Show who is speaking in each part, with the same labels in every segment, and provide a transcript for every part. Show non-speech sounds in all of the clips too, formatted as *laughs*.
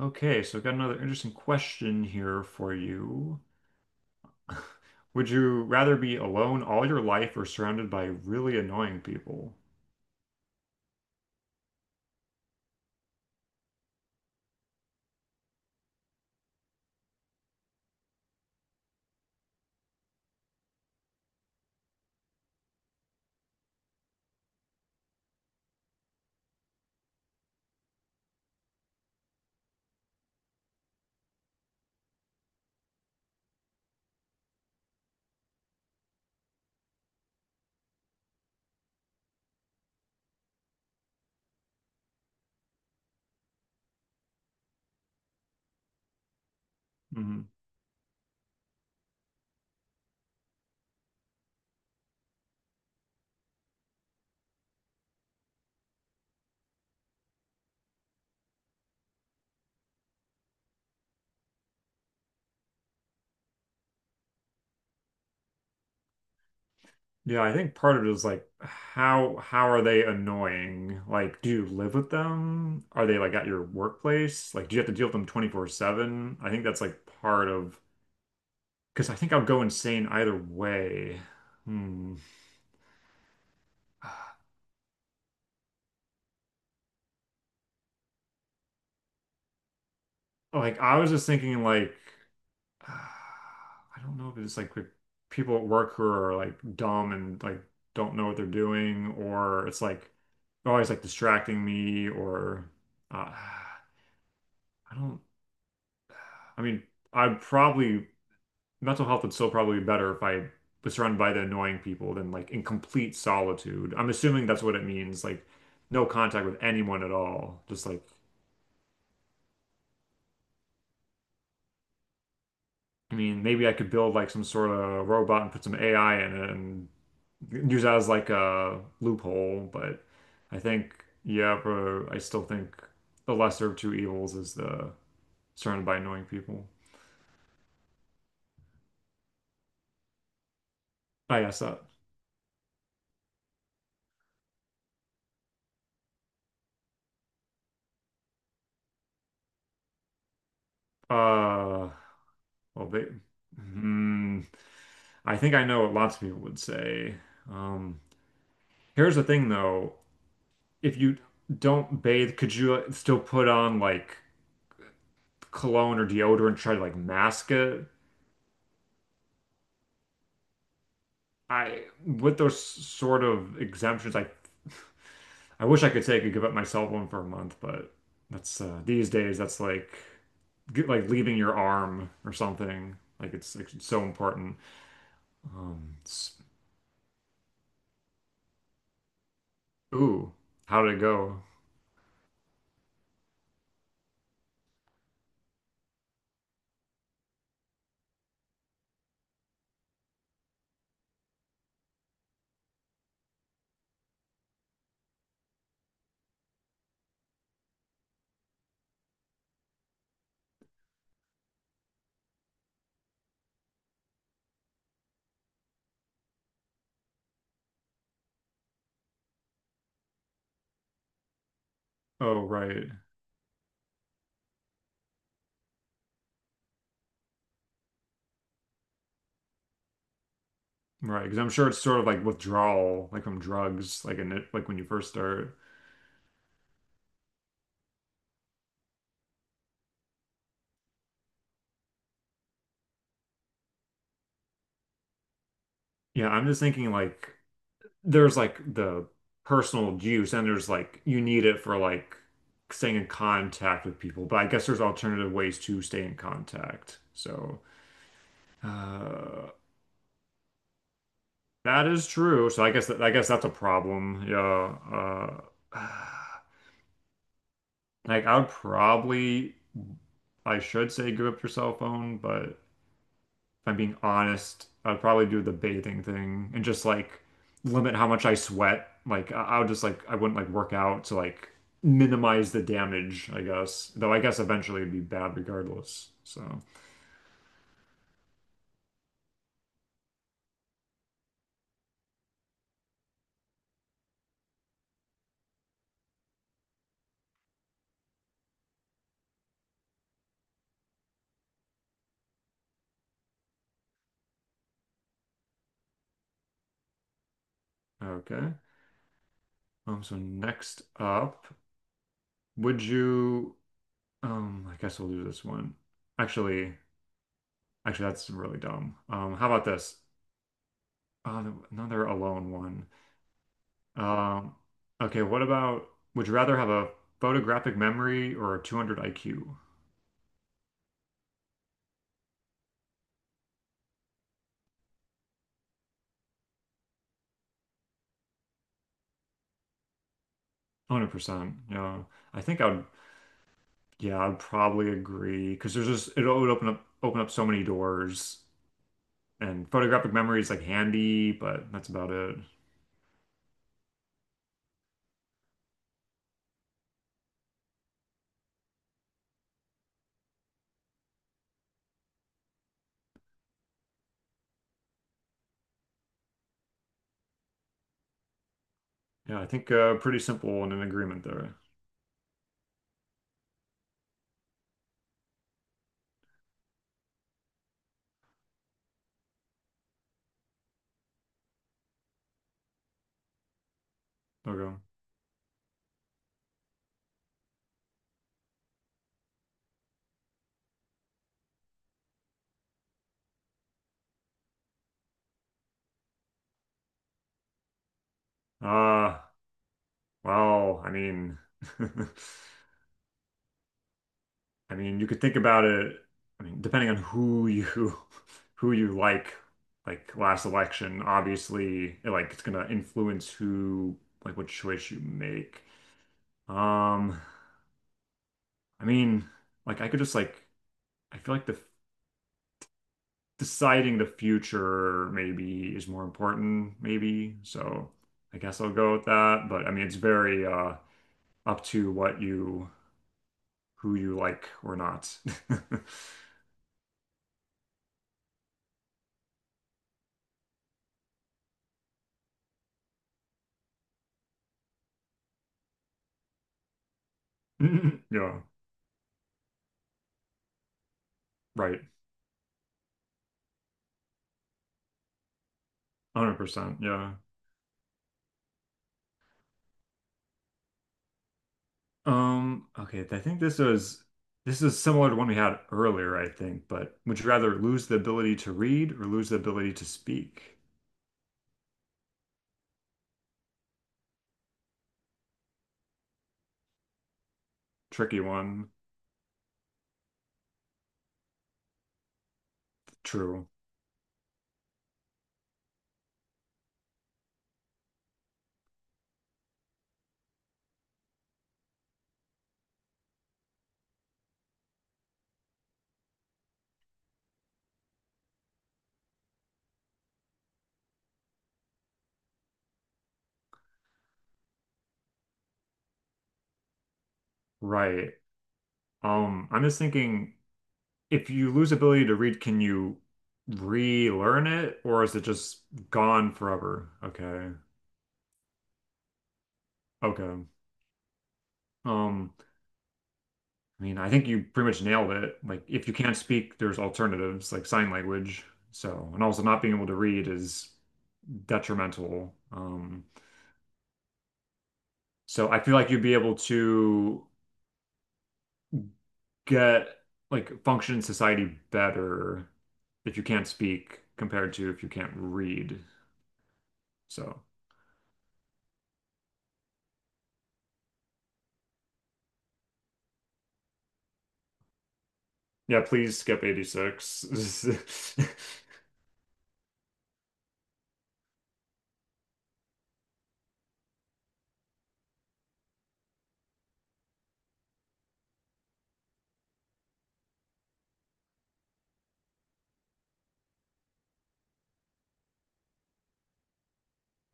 Speaker 1: Okay, so I've got another interesting question here for you. *laughs* Would you rather be alone all your life or surrounded by really annoying people? Hmm. Yeah, I think part of it is like how are they annoying? Like, do you live with them? Are they like at your workplace? Like, do you have to deal with them 24/7? I think that's like part of, because I think I will go insane either way. Hmm. *sighs* Like, I was just thinking like. *sighs* Uh, I don't know if it's like with people at work who are like dumb and like don't know what they're doing, or it's like always like distracting me, or uh, *sighs* I don't. I mean, I'd probably mental health would still probably be better if I was surrounded by the annoying people than like in complete solitude. I'm assuming that's what it means, like no contact with anyone at all, just like I mean, maybe I could build like some sort of robot and put some AI in it and use that as like a loophole. But I think, yeah, bro, I still think the lesser of two evils is the surrounded by annoying people. I guess that. Uh, well, hmm, I think I know what lots of people would say. Um, here's the thing though, if you don't bathe, could you still put on like cologne or deodorant, try to like mask it? I, with those sort of exemptions, I *laughs* I wish I could say I could give up my cell phone for a month, but that's these days that's like get, like leaving your arm or something. Like, it's so important. Um, s- Ooh, how did it go? Oh, right, right. Because I'm sure it's sort of like withdrawal, like from drugs, like in it, like when you first start. Yeah, I'm just thinking like. There's like the personal juice and there's like you need it for like staying in contact with people, but I guess there's alternative ways to stay in contact, so uh that is true, so I guess that's a problem, yeah, *sighs* like I would probably I should say give up your cell phone, but if I'm being honest, I'd probably do the bathing thing and just like limit how much I sweat. Like I'll just like I wouldn't like work out to like minimize the damage, I guess. Though I guess eventually it'd be bad regardless. So, okay. So next up, would you? I guess we'll do this one. Actually, actually, that's really dumb. How about this? Uh, another alone one. Um, okay, what about would you rather have a photographic memory or a 200 IQ? 100%. Yeah. I think I would, yeah, I'd probably agree because there's just it would open up so many doors, and photographic memory is like handy, but that's about it. Yeah, I think pretty simple and an agreement there. Okay. Uh well, I mean, *laughs* I mean, you could think about it, I mean, depending on who you *laughs* who you like last election, obviously, it, like it's gonna influence who, like what choice you make. Um, I mean, like I could just like I feel like the deciding the future maybe is more important, maybe. So I guess I'll go with that. But I mean, it's very up to what you who you like or not. *laughs* Yeah, right. 100%. Yeah. Okay, I think this is similar to one we had earlier, I think, but would you rather lose the ability to read or lose the ability to speak? Tricky one. True. Right. I'm just thinking, if you lose ability to read, can you relearn it or is it just gone forever? Okay. Okay. Um, I mean, I think you pretty much nailed it. Like, if you can't speak, there's alternatives like sign language. So, and also not being able to read is detrimental. So I feel like you'd be able to get like function in society better if you can't speak compared to if you can't read. So, yeah, please skip 86. *laughs*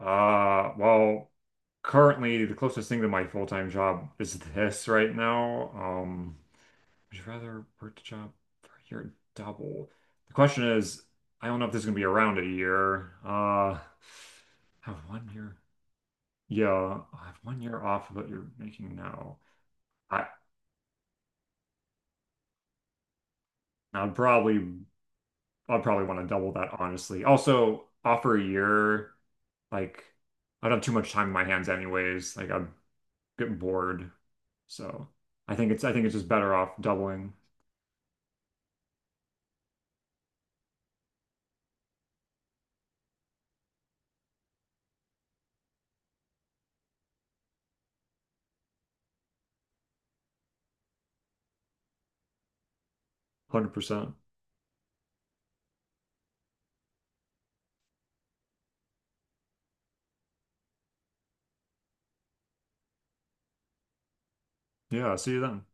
Speaker 1: Well, currently the closest thing to my full-time job is this right now. Would you rather work a job for a year double? The question is, I don't know if this is gonna be around a year. Have one year. Yeah, I have one year off of what you're making now. I I'd probably I'd probably want to double that, honestly. Also, offer a year, like I don't have too much time in my hands anyways. Like I'd get bored. So I think it's just better off doubling 100%. Yeah, see you then.